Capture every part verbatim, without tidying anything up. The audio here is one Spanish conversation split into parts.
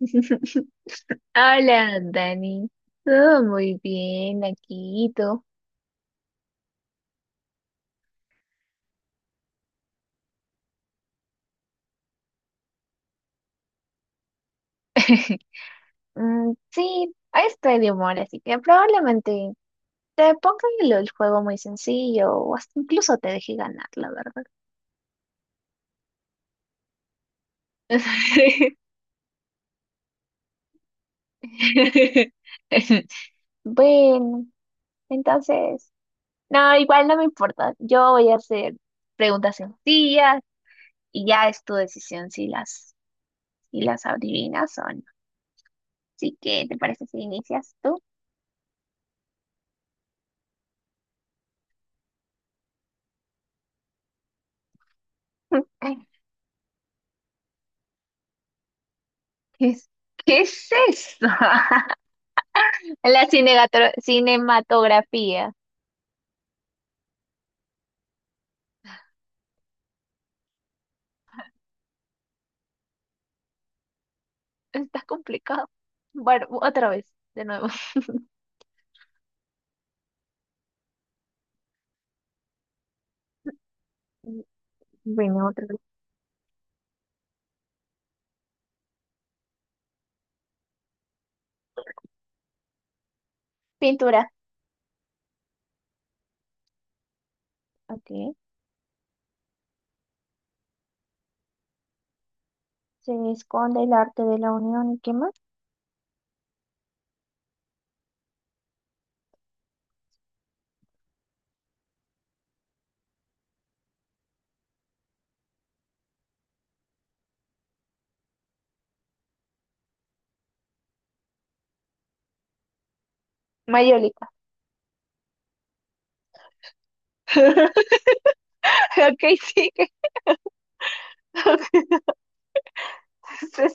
Hola, Dani. Todo muy bien aquí, ¿y tú? Mm, sí, ahí estoy de humor, así que probablemente te ponga el, el juego muy sencillo o hasta incluso te deje ganar, la verdad. Bueno, entonces, no, igual no me importa. Yo voy a hacer preguntas sencillas y ya es tu decisión si las, si las adivinas o no. Así que, ¿te parece si inicias tú? ¿Qué es, qué es eso? La cinegato- cinematografía. Está complicado. Bueno, otra vez, de nuevo. Mm, Bueno, otra vez. Pintura. Ok. Se esconde el arte de la unión y qué más. Mayólica. Ok, sigue. Se,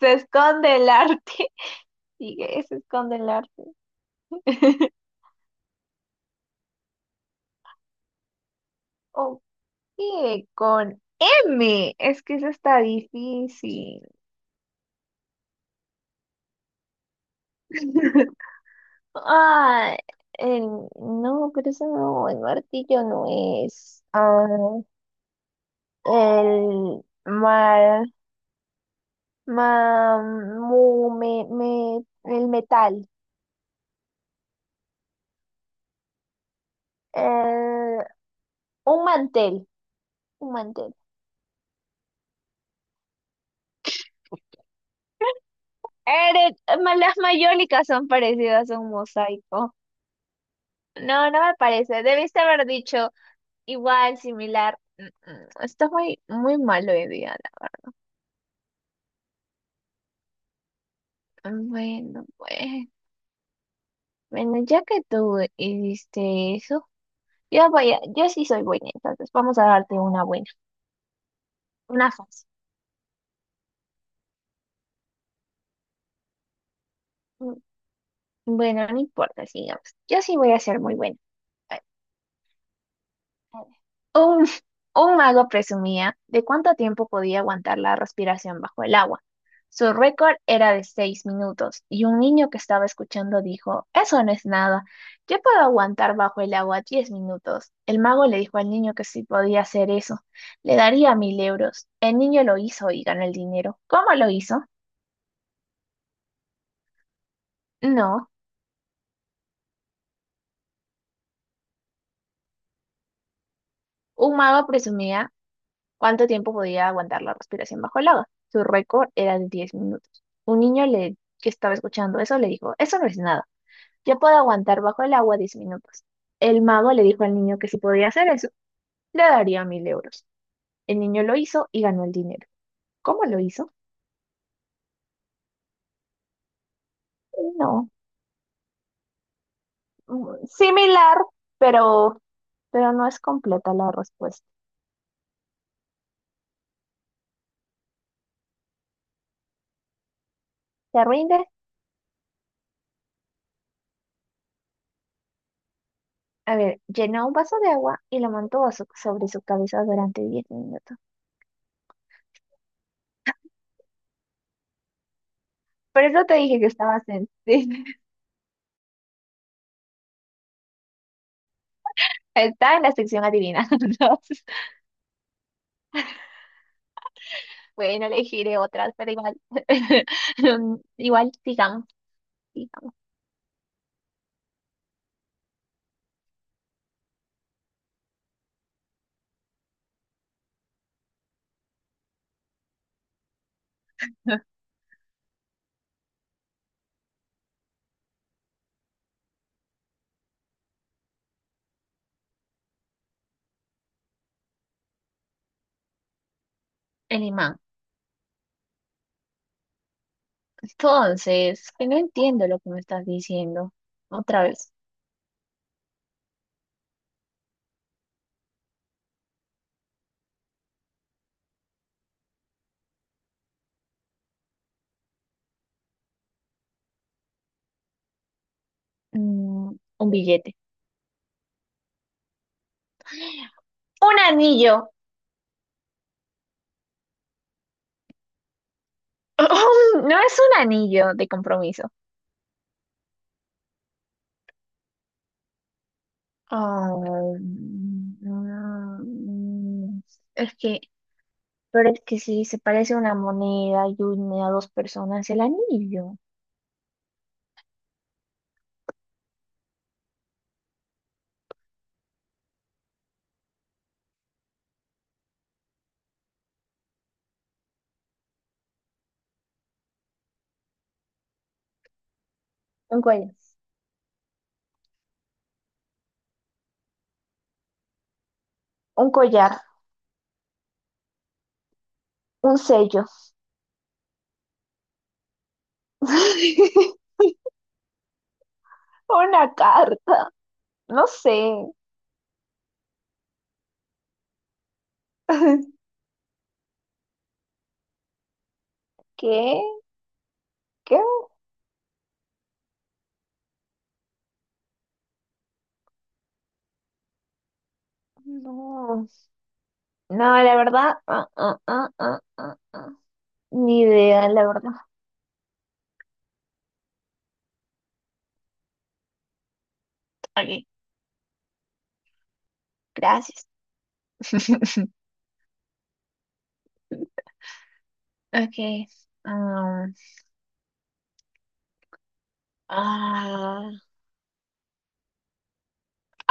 se esconde el arte. Sigue, se esconde el arte. Ok, con M. Es que eso está difícil. Ah, el- no, pero eso no, el martillo no es. Ah, el mar, ma- mu- me, me- el metal. Eh, un mantel, un mantel. Eres- ma- las mayólicas son parecidas a un mosaico. No, no me parece. Debiste haber dicho igual, similar. Mm, mm, Está muy, muy malo hoy día. la- Bueno, pues. Bueno, ya que tú hiciste eso. Yo voy a- yo sí soy buena, entonces vamos a darte una buena, una fácil. Mm, Bueno, no importa, sigamos. Yo sí voy a ser muy buena. A ver, a ver. Un, un mago presumía de cuánto tiempo podía aguantar la respiración bajo el agua. Su récord era de seis minutos y un niño que estaba escuchando dijo: eso no es nada, yo puedo aguantar bajo el agua diez minutos. El mago le dijo al niño que si podía hacer eso, le daría mil euros. El niño lo hizo y ganó el dinero. ¿Cómo lo hizo? No. Un mago presumía cuánto tiempo podía aguantar la respiración bajo el agua. Su récord era de diez minutos. Un niño le- que estaba escuchando eso le dijo: eso no es nada, yo puedo aguantar bajo el agua diez minutos. El mago le dijo al niño que si podía hacer eso, le daría mil euros. El niño lo hizo y ganó el dinero. ¿Cómo lo hizo? No, mm, similar, pero, pero no es completa la respuesta. ¿Se rinde? A ver, llenó un vaso de agua y lo mantuvo so- sobre su cabeza durante diez minutos. Por eso te dije que estabas en. Sí, está en la sección adivinando. Bueno, elegiré otras, pero igual, igual digamos, digamos, el imán. Entonces, que no entiendo lo que me estás diciendo. Otra vez. Mm, un billete. Un anillo. No es un anillo de compromiso. Ah, mm, es que, pero es que sí, se parece a una moneda y une a dos personas el anillo. Un cuello. Un collar, un sello, una carta, no sé. ¿Qué? ¿Qué? No, no, la verdad, ah, ah, ah, ah, ah, ah. Ni idea, la verdad. Ok, gracias. Ok. um, ah,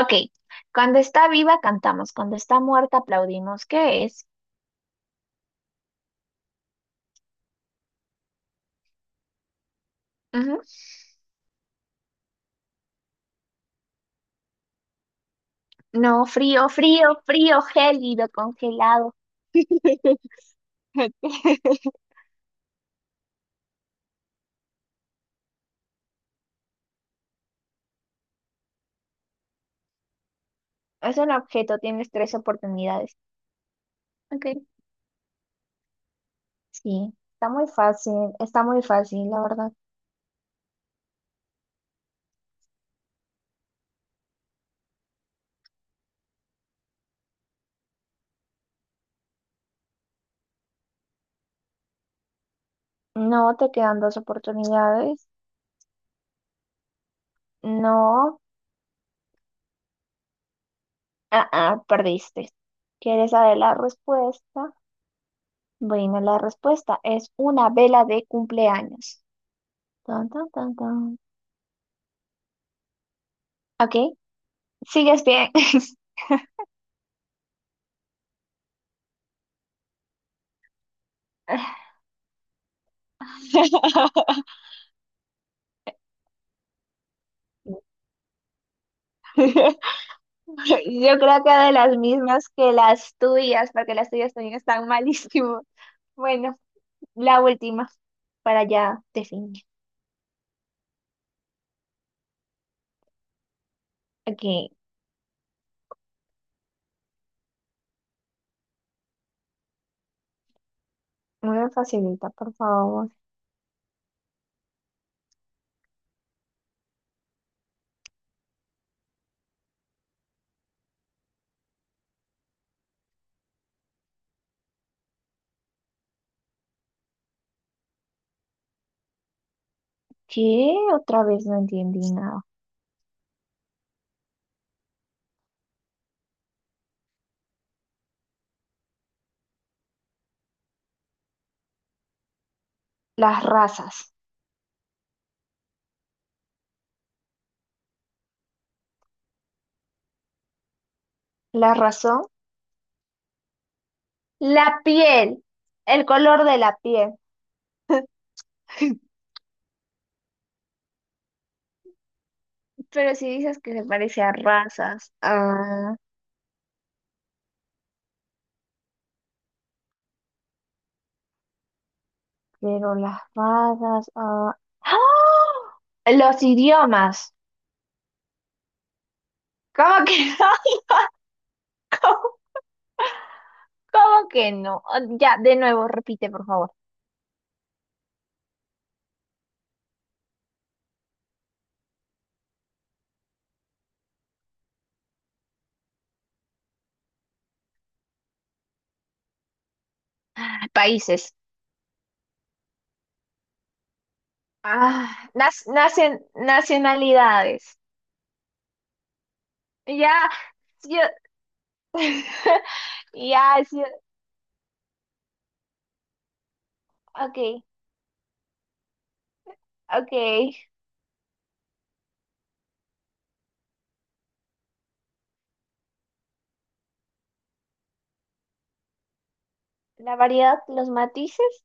ok, cuando está viva cantamos, cuando está muerta aplaudimos. ¿Qué es? Ujú. No, frío, frío, frío, gélido, congelado. Ok. Es un objeto, tienes tres oportunidades. Ok. Sí, está muy fácil, está muy fácil, la verdad. No, te quedan dos oportunidades. No, ah, ah, perdiste. ¿Quieres saber la respuesta? Bueno, la respuesta es una vela de cumpleaños. Tan, tan, tan, tan. Ok, sigues bien. Yo creo que de las mismas que las tuyas, porque las tuyas también están malísimo. Bueno, la última, para ya definir. Aquí, muy facilita, por favor. ¿Qué? Otra vez no entendí nada. Las razas, la razón, la piel, el color de la piel. Pero si dices que se parece a razas, ah, pero las razas, ah, ¡ah! Los idiomas. ¿Cómo que no? ¿Cómo, cómo que no? Ah, ya, de nuevo, repite, por favor. Países. Ah, nas- nacen- nacionalidades. Ya, yo, ya, sí, ok, ok. La variedad, los matices.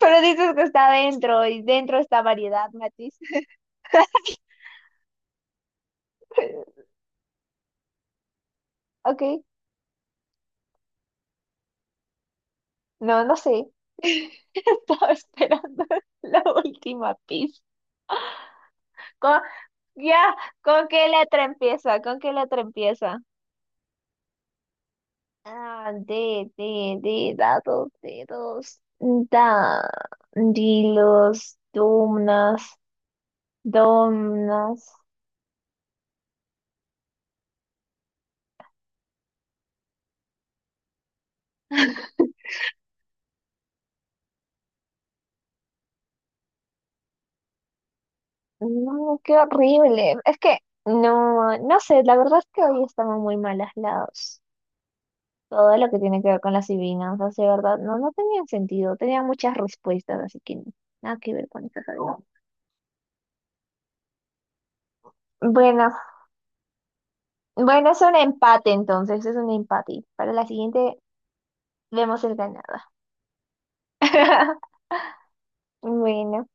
Pero dices que está dentro y dentro está variedad, matiz. Ok, no, no sé. Estaba esperando la última pista. Con- ya, ¿con qué letra empieza? ¿Con qué letra empieza? Ah, de, de, de, dados, dedos, da, dilos, dumnas, domnas. No, qué horrible. Es que, no, no sé, la verdad es que hoy estamos muy mal lados. Todo lo que tiene que ver con las adivinanzas, de verdad, no, no tenían sentido, tenían muchas respuestas, así que no, nada que ver con estas adivinanzas. Bueno, bueno, es un empate entonces, es un empate. Para la siguiente vemos el ganador. Bueno.